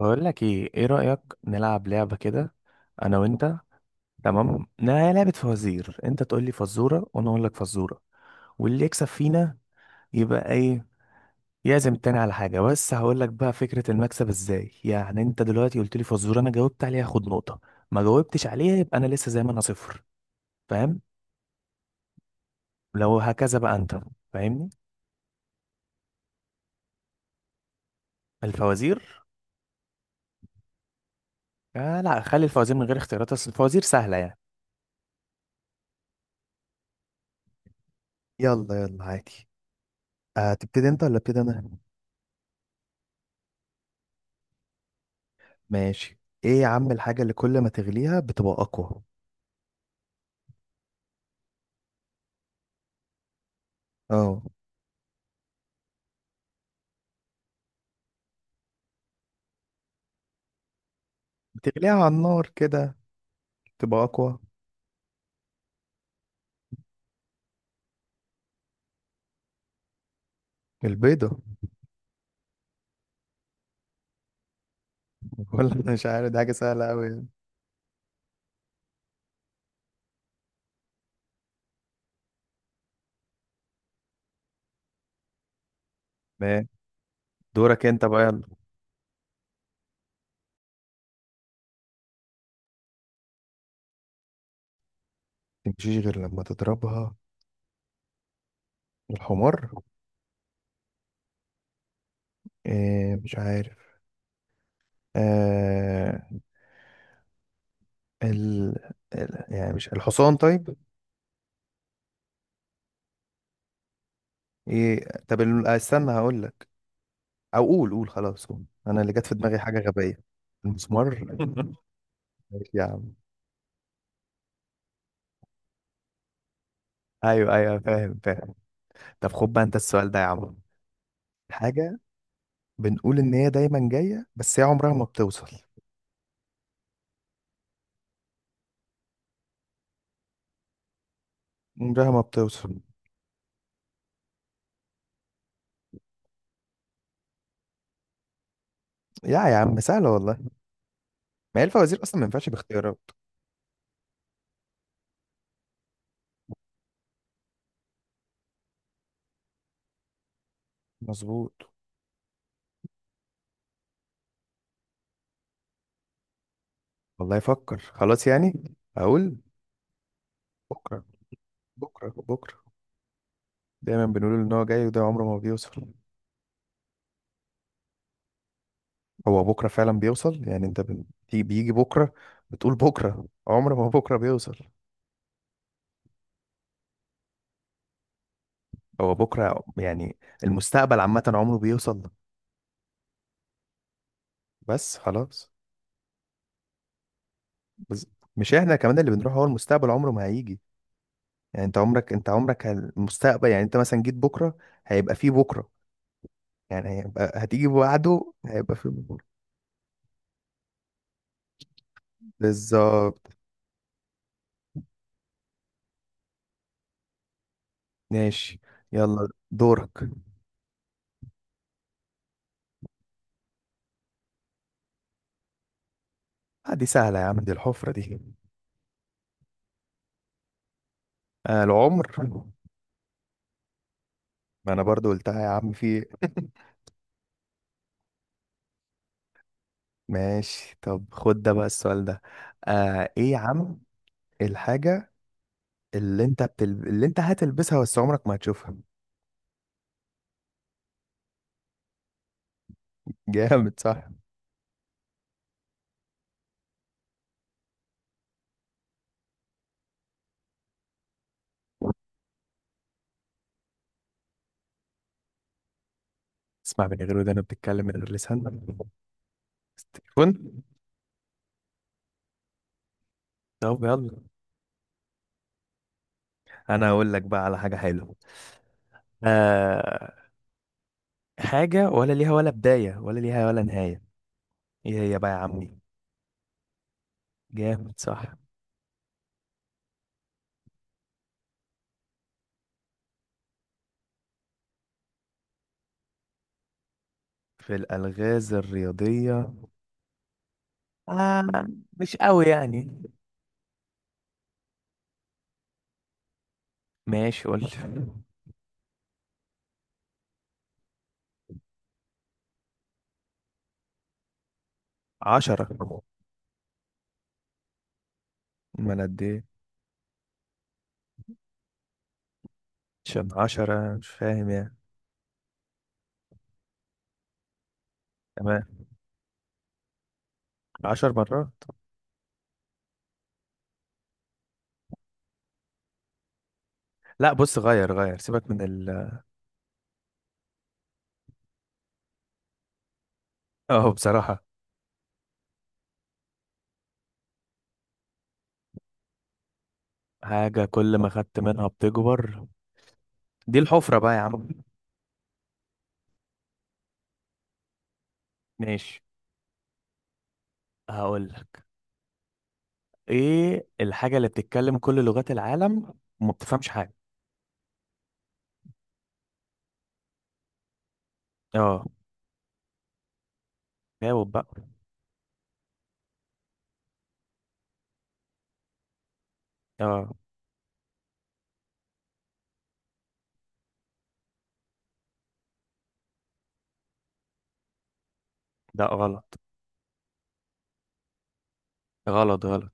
بقول لك ايه رأيك نلعب لعبة كده؟ انا وانت. تمام، لا هي لعبة فوازير، انت تقول لي فزورة وانا اقول لك فزورة، واللي يكسب فينا يبقى ايه؟ يعزم التاني على حاجة. بس هقول لك بقى فكرة المكسب ازاي. يعني انت دلوقتي قلت لي فزورة، انا جاوبت عليها، خد نقطة. ما جاوبتش عليها، يبقى انا لسه زي ما انا صفر. فاهم؟ لو هكذا بقى انت فاهمني. الفوازير. آه، لا، خلي الفوازير من غير اختيارات، اصل الفوازير سهلة يعني. يلا يلا، عادي. هتبتدي انت ولا ابتدي انا؟ ماشي. ايه يا عم الحاجة اللي كل ما تغليها بتبقى اقوى؟ اه، بتغليها على النار كده تبقى اقوى. البيضة. ولا أنا مش عارف، دي حاجة سهلة اوي. ما، دورك انت بقى يلا. متمشيش غير لما تضربها. الحمار. إيه، مش عارف. آه، ال... يعني مش الحصان طيب؟ ايه طب، استنى هقول لك. او قول قول خلاص، قول انا اللي جت في دماغي حاجة غبية. المسمار. ماشي يا عم. ايوه، ايوه، فاهم، فاهم. طب خد بقى انت السؤال ده يا عم. حاجة بنقول إن هي دايما جاية، بس هي عمرها ما بتوصل. عمرها ما بتوصل. يا يا عم، سهلة والله. ما هي الفوازير أصلا ما ينفعش باختيارات. مظبوط. والله يفكر، خلاص يعني أقول. بكرة، بكرة، بكرة. دايما بنقول إن هو جاي وده عمره ما بيوصل. هو بكرة فعلا بيوصل، يعني أنت بيجي بكرة. بتقول بكرة عمره ما بكرة بيوصل. هو بكرة يعني المستقبل عامة عمره بيوصل. بس خلاص. بس مش احنا كمان اللي بنروح، هو المستقبل عمره ما هيجي. يعني انت عمرك المستقبل، يعني انت مثلا جيت بكره هيبقى فيه بكره. يعني هيبقى هتيجي بعده هيبقى فيه بكره. بالظبط. ماشي، يلا دورك. آه، دي سهله يا عم، دي الحفره دي. آه، العمر. ما انا برضو قلتها يا عم في. ماشي، طب خد ده بقى السؤال ده. آه، ايه يا عم الحاجه اللي انت اللي انت هتلبسها بس عمرك ما هتشوفها. جامد صح. اسمع من غير ودانا، بتتكلم من غير لسان. التليفون. طب يلا، انا هقول لك بقى على حاجه حلوه. آه، حاجه ولا ليها ولا بدايه ولا ليها ولا نهايه. ايه هي بقى يا عمي؟ جامد صح. في الالغاز الرياضيه. آه، مش قوي يعني. ماشي، قول. 10. ما انا قد ايه؟ عشان 10 مش فاهم يعني. تمام، 10 مرات. لا بص، غير سيبك من ال اه، بصراحة. حاجة كل ما خدت منها بتكبر. دي الحفرة بقى يا عم. ماشي، هقول. ايه الحاجة اللي بتتكلم كل لغات العالم وما بتفهمش حاجة؟ اه، جاوب بقى. اه، ده غلط، غلط، غلط.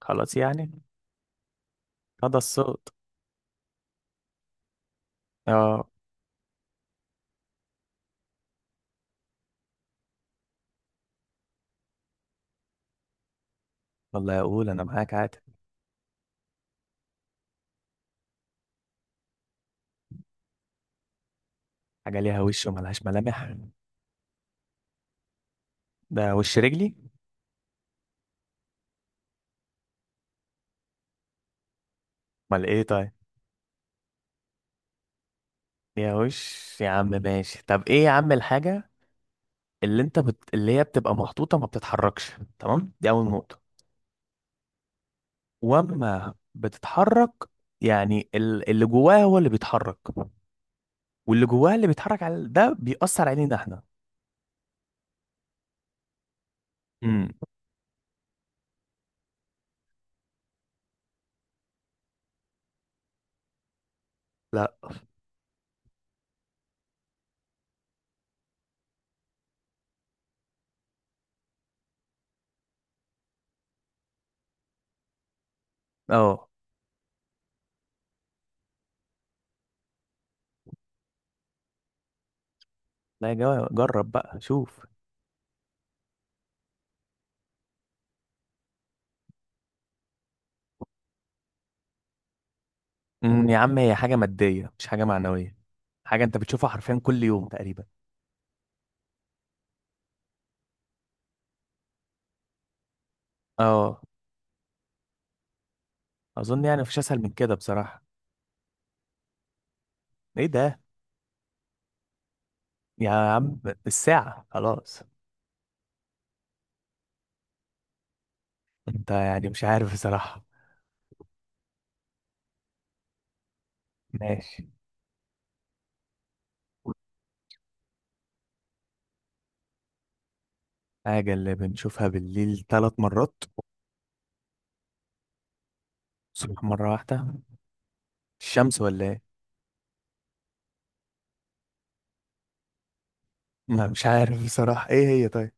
خلاص يعني. هذا الصوت. اه. والله اقول انا معاك عادي. حاجة ليها وش وملهاش ملامح. ده وش رجلي. امال ايه طيب؟ ليها وش يا عم. ماشي، طب ايه يا عم الحاجة اللي انت اللي هي بتبقى محطوطة ما بتتحركش. تمام، دي اول نقطة. واما بتتحرك، يعني اللي جواها هو اللي بيتحرك، واللي جواها اللي بيتحرك على ده بيأثر علينا احنا. امم. لا. اه. لا يا جماعة، جرب بقى شوف. يا عم هي حاجة مادية مش حاجة معنوية. حاجة انت بتشوفها حرفيا كل يوم تقريبا. اه، اظن يعني مفيش اسهل من كده بصراحة. ايه ده؟ يا عم، الساعة. خلاص. انت يعني مش عارف بصراحة. ماشي. حاجة اللي بنشوفها بالليل 3 مرات، الصبح مرة واحدة. الشمس ولا ايه؟ ما، مش عارف بصراحة. ايه هي طيب؟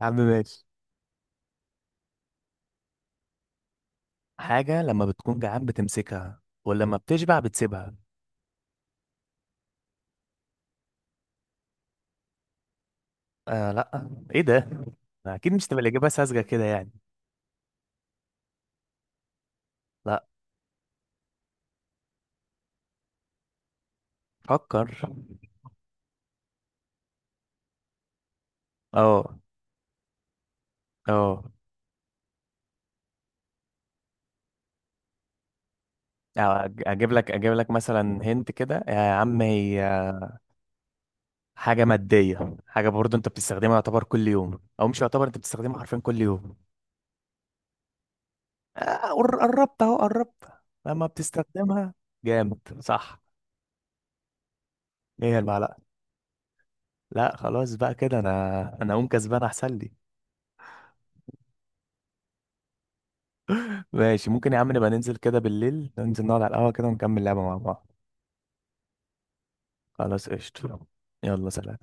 يا عم ماشي. حاجة لما بتكون جعان بتمسكها ولما بتشبع بتسيبها. آه، لا. ايه ده؟ اكيد مش تبقى الإجابة ساذجة كده يعني. لا، فكر. اه، اه. أو اجيب لك مثلا، هنت كده يا عم، هي حاجة مادية، حاجة برضو انت بتستخدمها يعتبر كل يوم، او مش يعتبر، انت بتستخدمها حرفيا كل يوم. آه، قربت اهو، قربت. لما بتستخدمها. جامد صح. ايه هي؟ المعلقة. لا خلاص بقى كده، انا اقوم كسبان احسن لي. ماشي، ممكن يا عم نبقى ننزل كده بالليل، ننزل نقعد على القهوة كده ونكمل لعبة مع بعض. خلاص، قشطة. يلا، سلام.